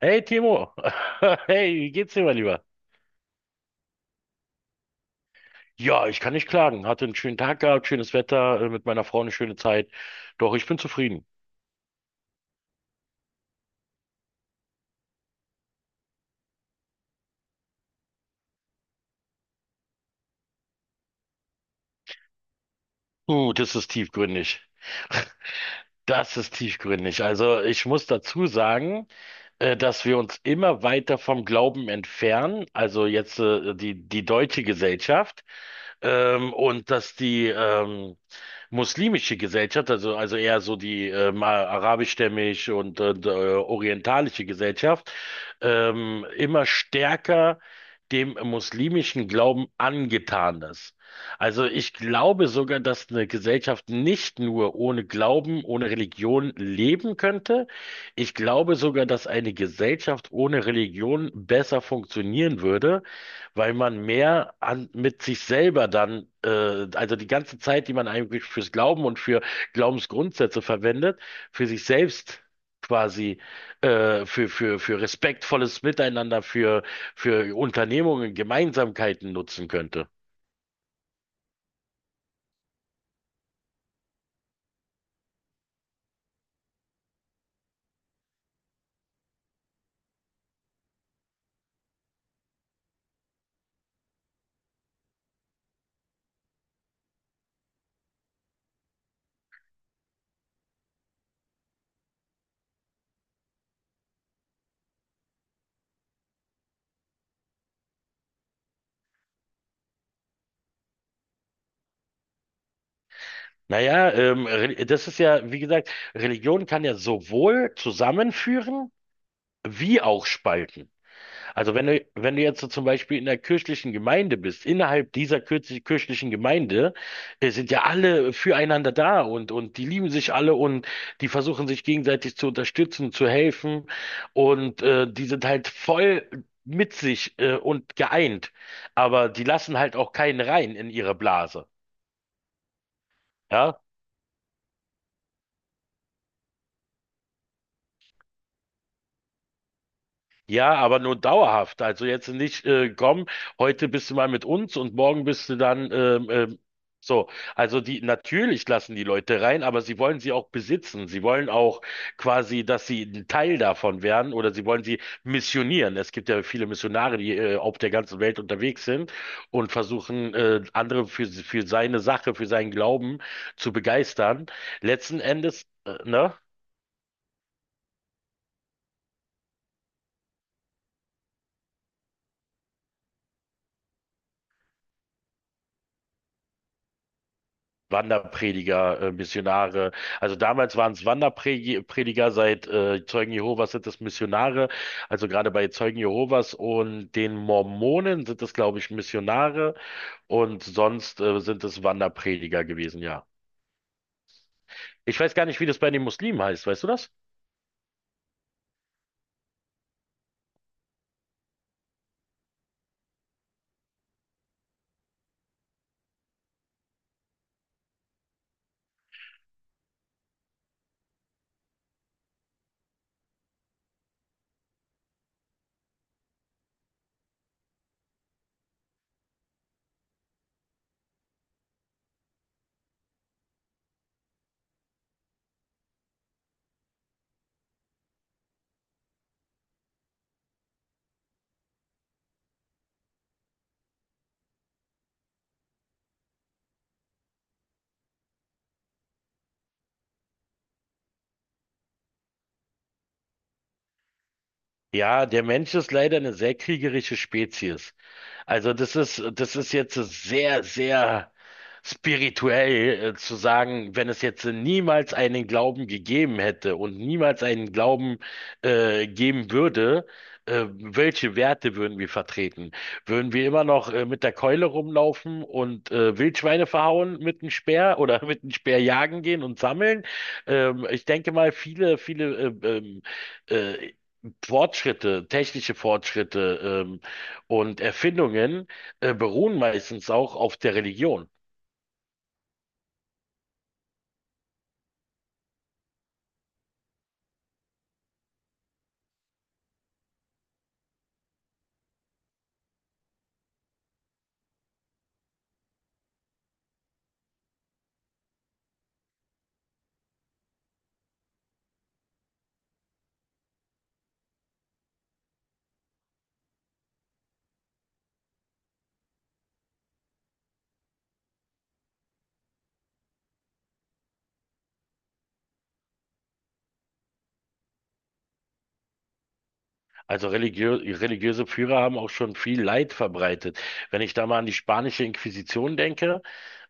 Hey Timo, hey, wie geht's dir, mein Lieber? Ja, ich kann nicht klagen. Hatte einen schönen Tag gehabt, schönes Wetter, mit meiner Frau eine schöne Zeit. Doch, ich bin zufrieden. Das ist tiefgründig. Das ist tiefgründig. Also ich muss dazu sagen, dass wir uns immer weiter vom Glauben entfernen, also jetzt die deutsche Gesellschaft, und dass die muslimische Gesellschaft, also eher so die arabischstämmig und orientalische Gesellschaft, immer stärker dem muslimischen Glauben angetan ist. Also ich glaube sogar, dass eine Gesellschaft nicht nur ohne Glauben, ohne Religion leben könnte. Ich glaube sogar, dass eine Gesellschaft ohne Religion besser funktionieren würde, weil man mehr an, mit sich selber dann, also die ganze Zeit, die man eigentlich fürs Glauben und für Glaubensgrundsätze verwendet, für sich selbst quasi für respektvolles Miteinander, für Unternehmungen, Gemeinsamkeiten nutzen könnte. Naja, das ist ja, wie gesagt, Religion kann ja sowohl zusammenführen wie auch spalten. Also wenn du jetzt so zum Beispiel in der kirchlichen Gemeinde bist, innerhalb dieser kirchlichen Gemeinde, sind ja alle füreinander da und die lieben sich alle und die versuchen sich gegenseitig zu unterstützen, zu helfen und die sind halt voll mit sich und geeint. Aber die lassen halt auch keinen rein in ihre Blase. Ja, ja, aber nur dauerhaft. Also jetzt nicht, komm, heute bist du mal mit uns und morgen bist du dann, so. Also die, natürlich lassen die Leute rein, aber sie wollen sie auch besitzen. Sie wollen auch quasi, dass sie ein Teil davon werden oder sie wollen sie missionieren. Es gibt ja viele Missionare, die auf der ganzen Welt unterwegs sind und versuchen, andere für seine Sache, für seinen Glauben zu begeistern. Letzten Endes, ne? Wanderprediger, Missionare. Also damals waren es Wanderprediger, seit Zeugen Jehovas sind es Missionare. Also gerade bei Zeugen Jehovas und den Mormonen sind es, glaube ich, Missionare und sonst sind es Wanderprediger gewesen, ja. Ich weiß gar nicht, wie das bei den Muslimen heißt, weißt du das? Ja, der Mensch ist leider eine sehr kriegerische Spezies. Also das ist jetzt sehr, sehr spirituell zu sagen, wenn es jetzt niemals einen Glauben gegeben hätte und niemals einen Glauben geben würde, welche Werte würden wir vertreten? Würden wir immer noch mit der Keule rumlaufen und Wildschweine verhauen mit dem Speer oder mit dem Speer jagen gehen und sammeln? Ich denke mal, viele äh, Fortschritte, technische Fortschritte, und Erfindungen beruhen meistens auch auf der Religion. Also religiöse Führer haben auch schon viel Leid verbreitet. Wenn ich da mal an die spanische Inquisition denke.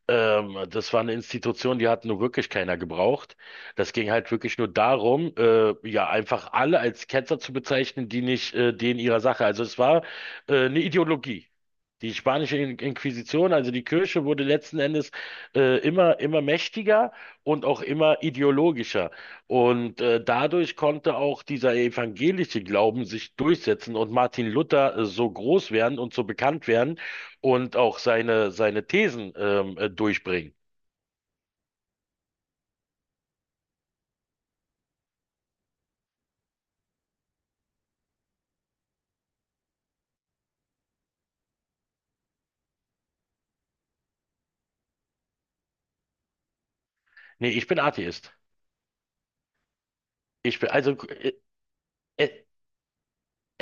Das war eine Institution, die hat nur wirklich keiner gebraucht. Das ging halt wirklich nur darum, ja, einfach alle als Ketzer zu bezeichnen, die nicht denen ihrer Sache. Also es war eine Ideologie. Die spanische Inquisition, also die Kirche, wurde letzten Endes immer mächtiger und auch immer ideologischer. Und dadurch konnte auch dieser evangelische Glauben sich durchsetzen und Martin Luther so groß werden und so bekannt werden, und auch seine Thesen durchbringen. Nee, ich bin Atheist. Ich bin, also, äh, äh,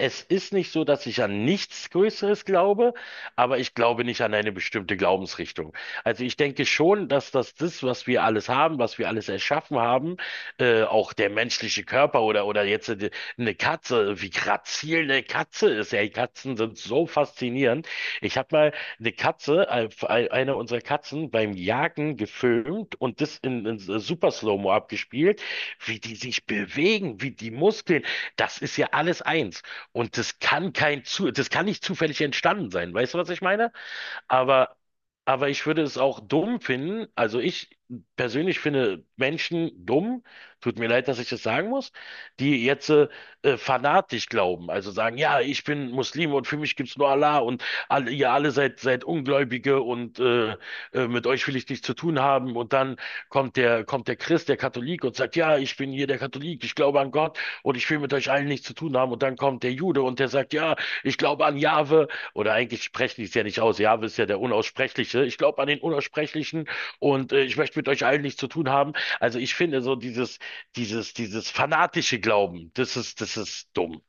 Es ist nicht so, dass ich an nichts Größeres glaube, aber ich glaube nicht an eine bestimmte Glaubensrichtung. Also ich denke schon, dass das, was wir alles haben, was wir alles erschaffen haben, auch der menschliche Körper oder jetzt eine Katze, wie grazil eine Katze ist. Ja, die Katzen sind so faszinierend. Ich habe mal eine Katze, eine unserer Katzen beim Jagen gefilmt und das in Super Slow-Mo abgespielt, wie die sich bewegen, wie die Muskeln. Das ist ja alles eins. Und das kann kein zu, das kann nicht zufällig entstanden sein. Weißt du, was ich meine? Aber aber ich würde es auch dumm finden, also ich persönlich finde Menschen dumm, tut mir leid, dass ich das sagen muss, die jetzt fanatisch glauben, also sagen, ja, ich bin Muslim und für mich gibt's nur Allah und ihr alle seid Ungläubige und mit euch will ich nichts zu tun haben und dann kommt der Christ, der Katholik und sagt, ja, ich bin hier der Katholik, ich glaube an Gott und ich will mit euch allen nichts zu tun haben und dann kommt der Jude und der sagt, ja, ich glaube an Jahwe oder eigentlich sprechen die es ja nicht aus. Jahwe ist ja der Unaussprechliche. Ich glaube an den Unaussprechlichen und ich möchte mit euch allen nichts zu tun haben. Also ich finde so dieses fanatische Glauben, das ist dumm.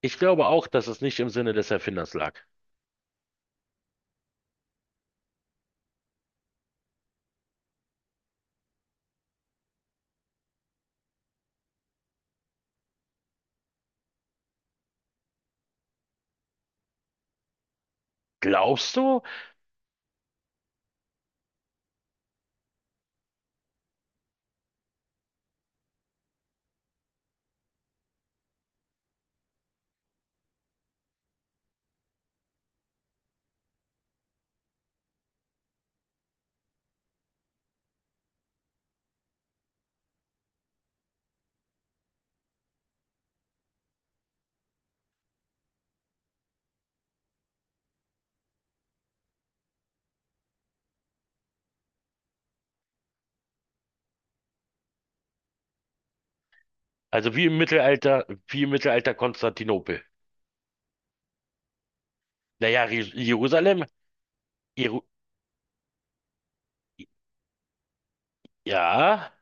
Ich glaube auch, dass es nicht im Sinne des Erfinders lag. Glaubst du? Also wie im Mittelalter Konstantinopel. Naja, Jerusalem, Jeru ja.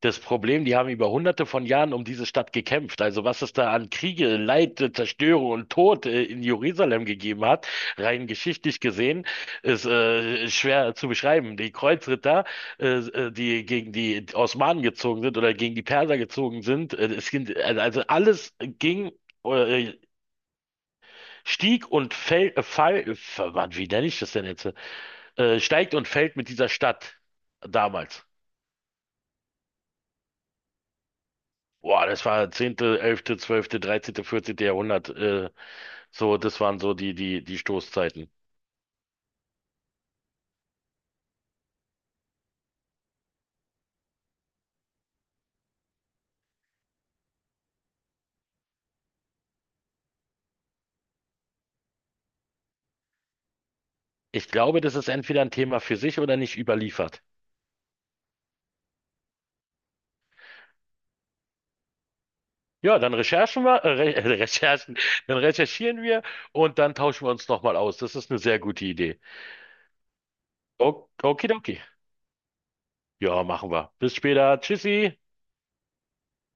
Das Problem, die haben über hunderte von Jahren um diese Stadt gekämpft. Also was es da an Kriege, Leid, Zerstörung und Tod in Jerusalem gegeben hat, rein geschichtlich gesehen, ist schwer zu beschreiben. Die Kreuzritter, die gegen die Osmanen gezogen sind oder gegen die Perser gezogen sind, also alles ging, äh, stieg und fällt, fall, wie nenne ich das denn jetzt? Steigt und fällt mit dieser Stadt damals. Boah, das war 10., 11., 12., 13., 14. Jahrhundert. So, das waren so die Stoßzeiten. Ich glaube, das ist entweder ein Thema für sich oder nicht überliefert. Ja, dann recherchen wir, Re Recherchen, dann recherchieren wir und dann tauschen wir uns nochmal aus. Das ist eine sehr gute Idee. Okidoki. Ja, machen wir. Bis später. Tschüssi.